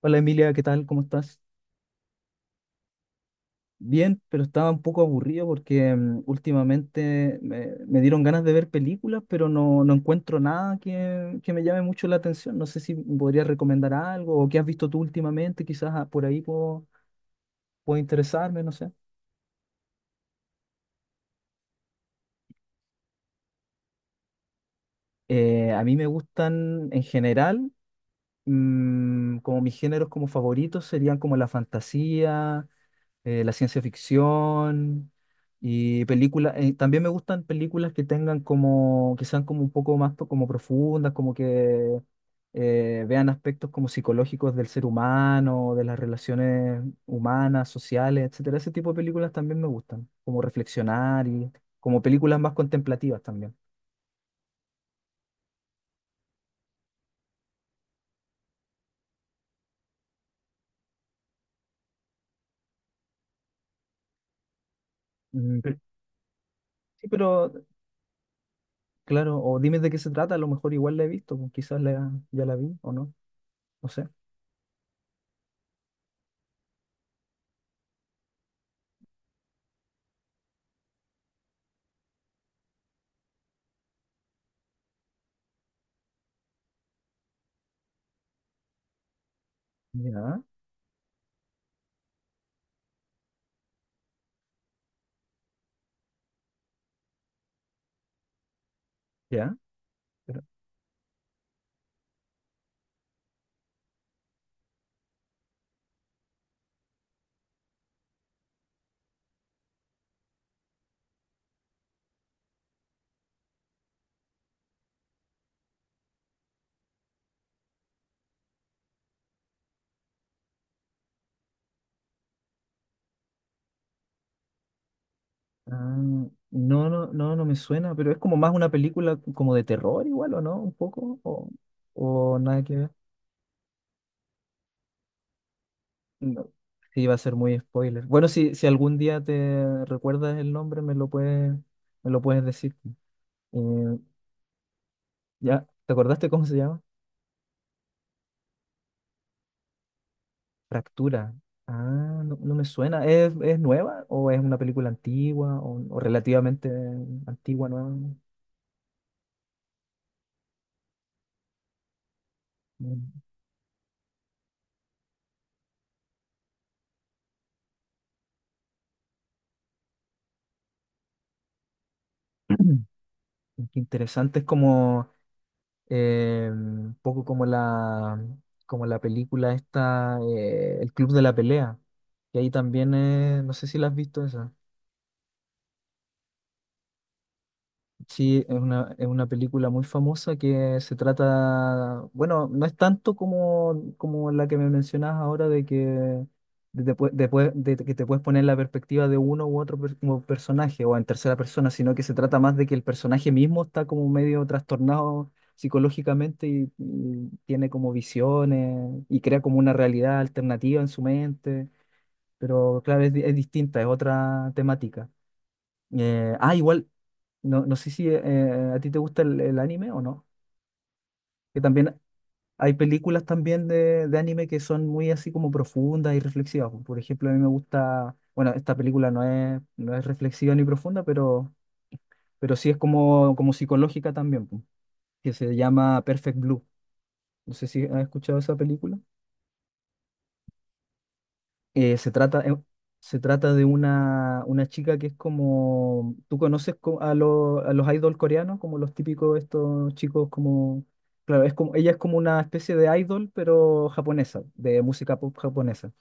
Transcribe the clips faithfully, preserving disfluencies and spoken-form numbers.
Hola Emilia, ¿qué tal? ¿Cómo estás? Bien, pero estaba un poco aburrido porque mm, últimamente me, me dieron ganas de ver películas, pero no, no encuentro nada que, que me llame mucho la atención. No sé si me podrías recomendar algo o qué has visto tú últimamente, quizás ah, por ahí puedo, puedo interesarme, no sé. Eh, a mí me gustan en general. mm, como mis géneros como favoritos serían como la fantasía, eh, la ciencia ficción y películas. eh, también me gustan películas que tengan como, que sean como un poco más pro- como profundas, como que eh, vean aspectos como psicológicos del ser humano, de las relaciones humanas, sociales, etcétera. Ese tipo de películas también me gustan, como reflexionar y como películas más contemplativas también. Mm, sí. Sí, pero claro, o dime de qué se trata, a lo mejor igual la he visto, pues, quizás la, ya la vi o no, no sé. Ya, ya. pero- ah, no, no, no, no me suena, pero es como más una película como de terror igual, ¿o no? Un poco, o, o nada que ver. No. Sí, va a ser muy spoiler. Bueno, si, si algún día te recuerdas el nombre, me lo puedes, me lo puedes decir. Eh, ya, ¿te acordaste cómo se llama? Fractura. Ah, no, no me suena. ¿Es, es nueva o es una película antigua o, o relativamente antigua, nueva? Mm. Qué interesante. Es como eh, un poco como la, como la película esta, eh, El Club de la Pelea. Y ahí también, eh, no sé si la has visto esa. Sí, es una, es una película muy famosa que se trata, bueno, no es tanto como, como la que me mencionas ahora de que de, te pue- de pue- de que te puedes poner en la perspectiva de uno u otro per- como personaje o en tercera persona, sino que se trata más de que el personaje mismo está como medio trastornado psicológicamente y, y tiene como visiones y crea como una realidad alternativa en su mente, pero claro, es, di- es distinta, es otra temática. Eh, ah, igual, no, no sé si eh, a ti te gusta el, el anime o no. Que también hay películas también de, de anime que son muy así como profundas y reflexivas. Por ejemplo, a mí me gusta, bueno, esta película no es, no es reflexiva ni profunda, pero, pero sí es como, como psicológica también, pu, que se llama Perfect Blue. No sé si has escuchado esa película. Eh, se trata, eh, se trata de una, una chica que es como, ¿tú conoces co- a, lo- a los idol coreanos? Como los típicos estos chicos como, claro, es como, ella es como una especie de idol, pero japonesa, de música pop japonesa.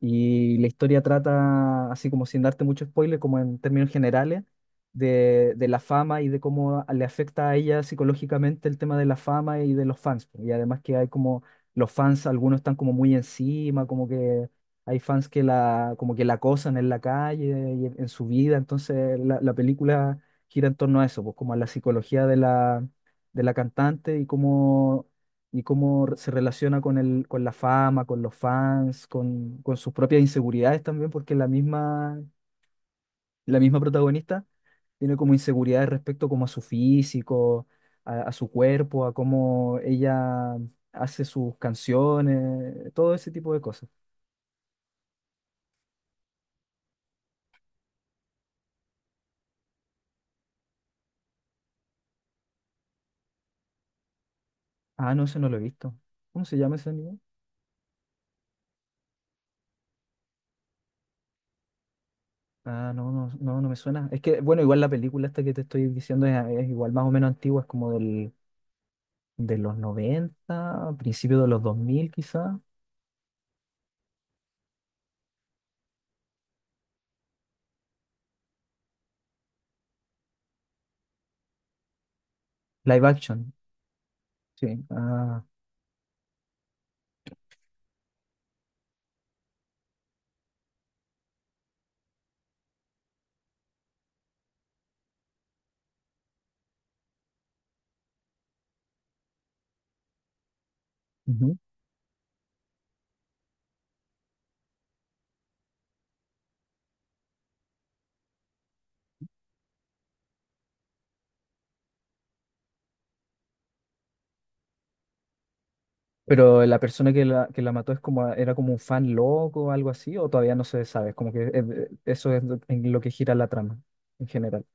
Y la historia trata, así como sin darte mucho spoiler, como en términos generales, de, de la fama y de cómo a- le afecta a ella psicológicamente el tema de la fama y de los fans, pues. Y además que hay como los fans, algunos están como muy encima, como que hay fans que la, como que la acosan en la calle y en, en su vida. Entonces la, la película gira en torno a eso, pues como a la psicología de la, de la cantante y cómo y cómo re- se relaciona con el, con la fama, con los fans, con, con sus propias inseguridades también, porque la misma, la misma protagonista tiene como inseguridades respecto como a su físico, a, a su cuerpo, a cómo ella hace sus canciones, todo ese tipo de cosas. Ah, no, ese no lo he visto. ¿Cómo se llama ese anime? Ah, no, no, no, no me suena. Es que, bueno, igual la película esta que te estoy diciendo es, es igual más o menos antigua, es como del, de los noventa principio de los dos mil quizás. Live action, sí. Ah, ujú. Pero la persona que la, que la mató es como, era como un fan loco o algo así, o todavía no se sabe, es como que eh, eso es lo- en lo que gira la trama en general.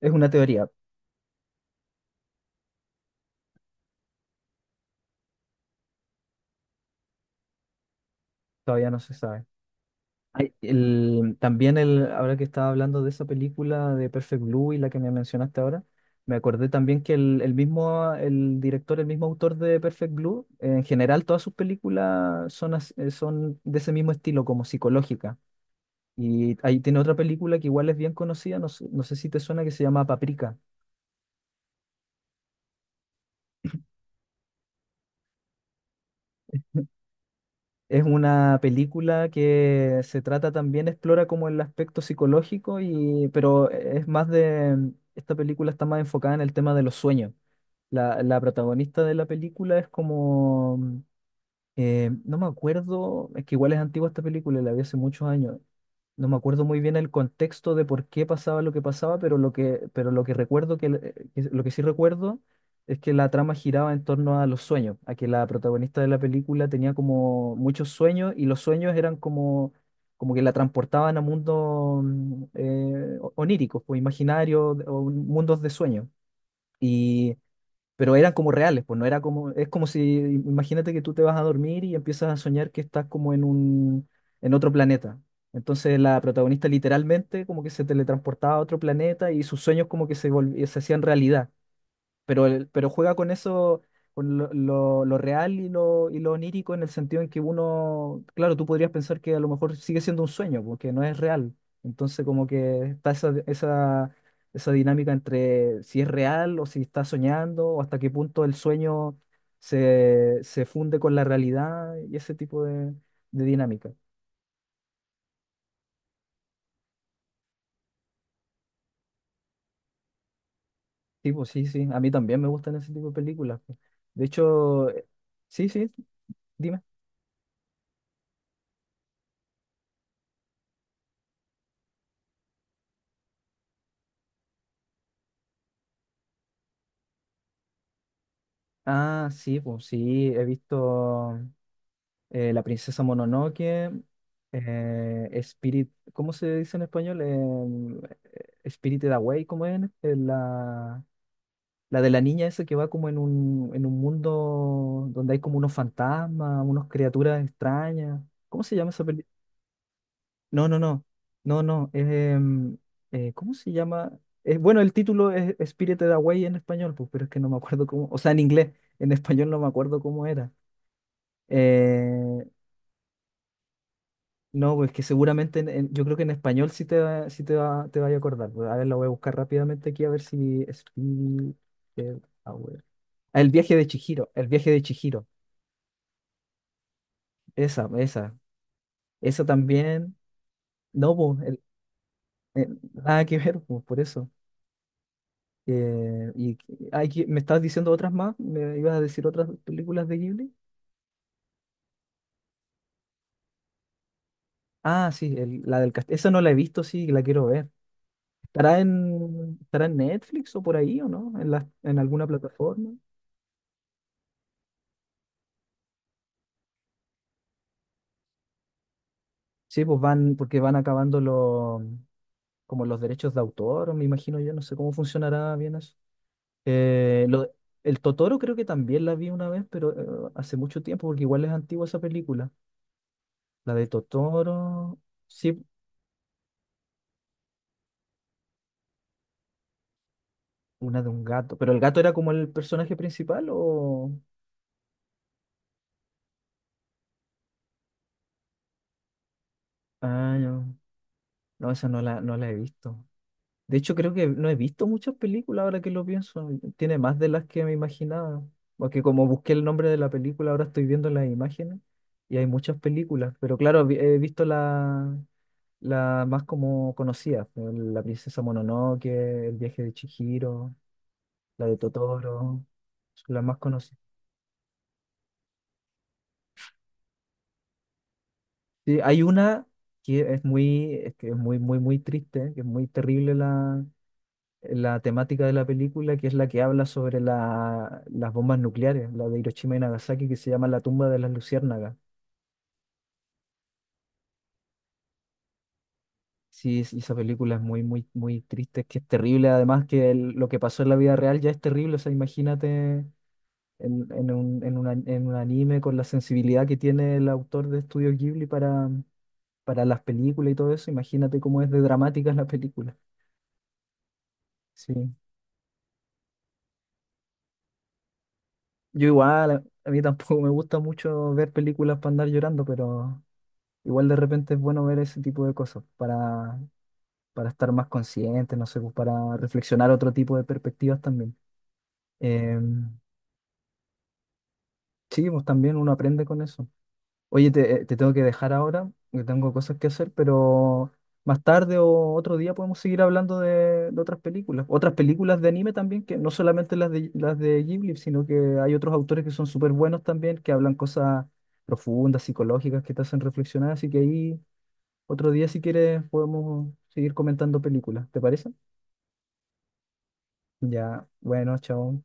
Es una teoría, todavía no se sabe. Ay, el- también el, ahora que estaba hablando de esa película de Perfect Blue y la que me mencionaste ahora, me acordé también que el, el mismo, el director, el mismo autor de Perfect Blue, en general todas sus películas son, as- eh, son de ese mismo estilo, como psicológica. Y ahí tiene otra película que igual es bien conocida, no, sé no sé si te suena, que se llama Paprika. Es una película que se trata también, explora como el aspecto psicológico, y, pero es más de, esta película está más enfocada en el tema de los sueños. La, la protagonista de la película es como. Eh, no me acuerdo, es que igual es antigua esta película, la vi hace muchos años. No me acuerdo muy bien el contexto de por qué pasaba lo que pasaba, pero lo que, pero lo que recuerdo que, eh, que- lo que sí recuerdo es que la trama giraba en torno a los sueños, a que la protagonista de la película tenía como muchos sueños y los sueños eran como, como que la transportaban a mundos mm, eh, o- oníricos, o imaginarios, o mundos de sueños pero eran como reales, pues no era como, es como si, imagínate que tú te vas a dormir y empiezas a soñar que estás como en un, en otro planeta. Entonces la protagonista literalmente como que se teletransportaba a otro planeta y sus sueños como que se volv- se hacían realidad pero, el- pero juega con eso, con lo, lo- lo real y lo, y lo onírico en el sentido en que uno, claro, tú podrías pensar que a lo mejor sigue siendo un sueño, porque no es real. Entonces como que está esa, esa, esa dinámica entre si es real o si está soñando, o hasta qué punto el sueño se, se funde con la realidad y ese tipo de, de dinámica. Sí, pues sí, sí, a mí también me gustan ese tipo de películas, pues. De hecho, eh, sí, sí, dime. Ah, sí, pues sí, he visto eh, La princesa Mononoke, eh, Spirit, ¿cómo se dice en español? Em, Eh, Spirited Away, ¿cómo es? Eh, la, la de la niña esa que va como en un, en un mundo donde hay como unos fantasmas, unas criaturas extrañas. ¿Cómo se llama esa película? No, no, no, no, no, es, em, eh, ¿cómo se llama? Eh, bueno, el título es Spirited Away en español, pues, pero es que no me acuerdo cómo, o sea, en inglés, en español no me acuerdo cómo era. Eh, no, pues que seguramente en- en- yo creo que en español sí te, va- sí te, va, te vaya a acordar, pues. A ver, la voy a buscar rápidamente aquí a ver si... Speed Hour. Ah, El viaje de Chihiro, el viaje de Chihiro. Esa, esa. Esa también. No, pues, el- el- nada que ver, pues, por eso. Eh, y hay que- me estabas diciendo otras más, me ibas a decir otras películas de Ghibli. Ah, sí, el- la del castillo. Esa no la he visto, sí, la quiero ver. ¿Estará en, estará en Netflix o por ahí o no? ¿En la- en alguna plataforma? Sí, pues van, porque van acabando los, como los derechos de autor, me imagino yo, no sé cómo funcionará bien eso. Eh, lo- el Totoro creo que también la vi una vez, pero eh, hace mucho tiempo, porque igual es antigua esa película. La de Totoro, sí, una de un gato. ¿Pero el gato era como el personaje principal o...? Ah, no, no, esa no la, no la he visto. De hecho, creo que no he visto muchas películas ahora que lo pienso. Tiene más de las que me imaginaba. Porque como busqué el nombre de la película, ahora estoy viendo las imágenes y hay muchas películas. Pero claro, vi- he visto la, la más como conocida, La princesa Mononoke, El viaje de Chihiro, la de Totoro, son las más conocidas. Sí, hay una que es muy, es que es muy, muy, muy triste, que es muy terrible la la temática de la película, que es la que habla sobre la- las bombas nucleares, la de Hiroshima y Nagasaki, que se llama La tumba de las luciérnagas. Sí, es- esa película es muy, muy, muy triste, es que es terrible, además que el- lo que pasó en la vida real ya es terrible, o sea, imagínate en, en un, en un an- en un anime con la sensibilidad que tiene el autor de Estudio Ghibli para, para las películas y todo eso, imagínate cómo es de dramática la película. Sí. Yo igual, a a mí tampoco me gusta mucho ver películas para andar llorando, pero igual de repente es bueno ver ese tipo de cosas para, para estar más consciente, no sé, pues, para reflexionar otro tipo de perspectivas también. Eh, sí, pues también uno aprende con eso. Oye, te, te tengo que dejar ahora, que tengo cosas que hacer, pero más tarde o otro día podemos seguir hablando de, de otras películas. Otras películas de anime también, que no solamente las de, las de Ghibli, sino que hay otros autores que son súper buenos también, que hablan cosas profundas, psicológicas, que te hacen reflexionar, así que ahí... Otro día, si quieres, podemos seguir comentando películas. ¿Te parece? Ya, bueno, chao.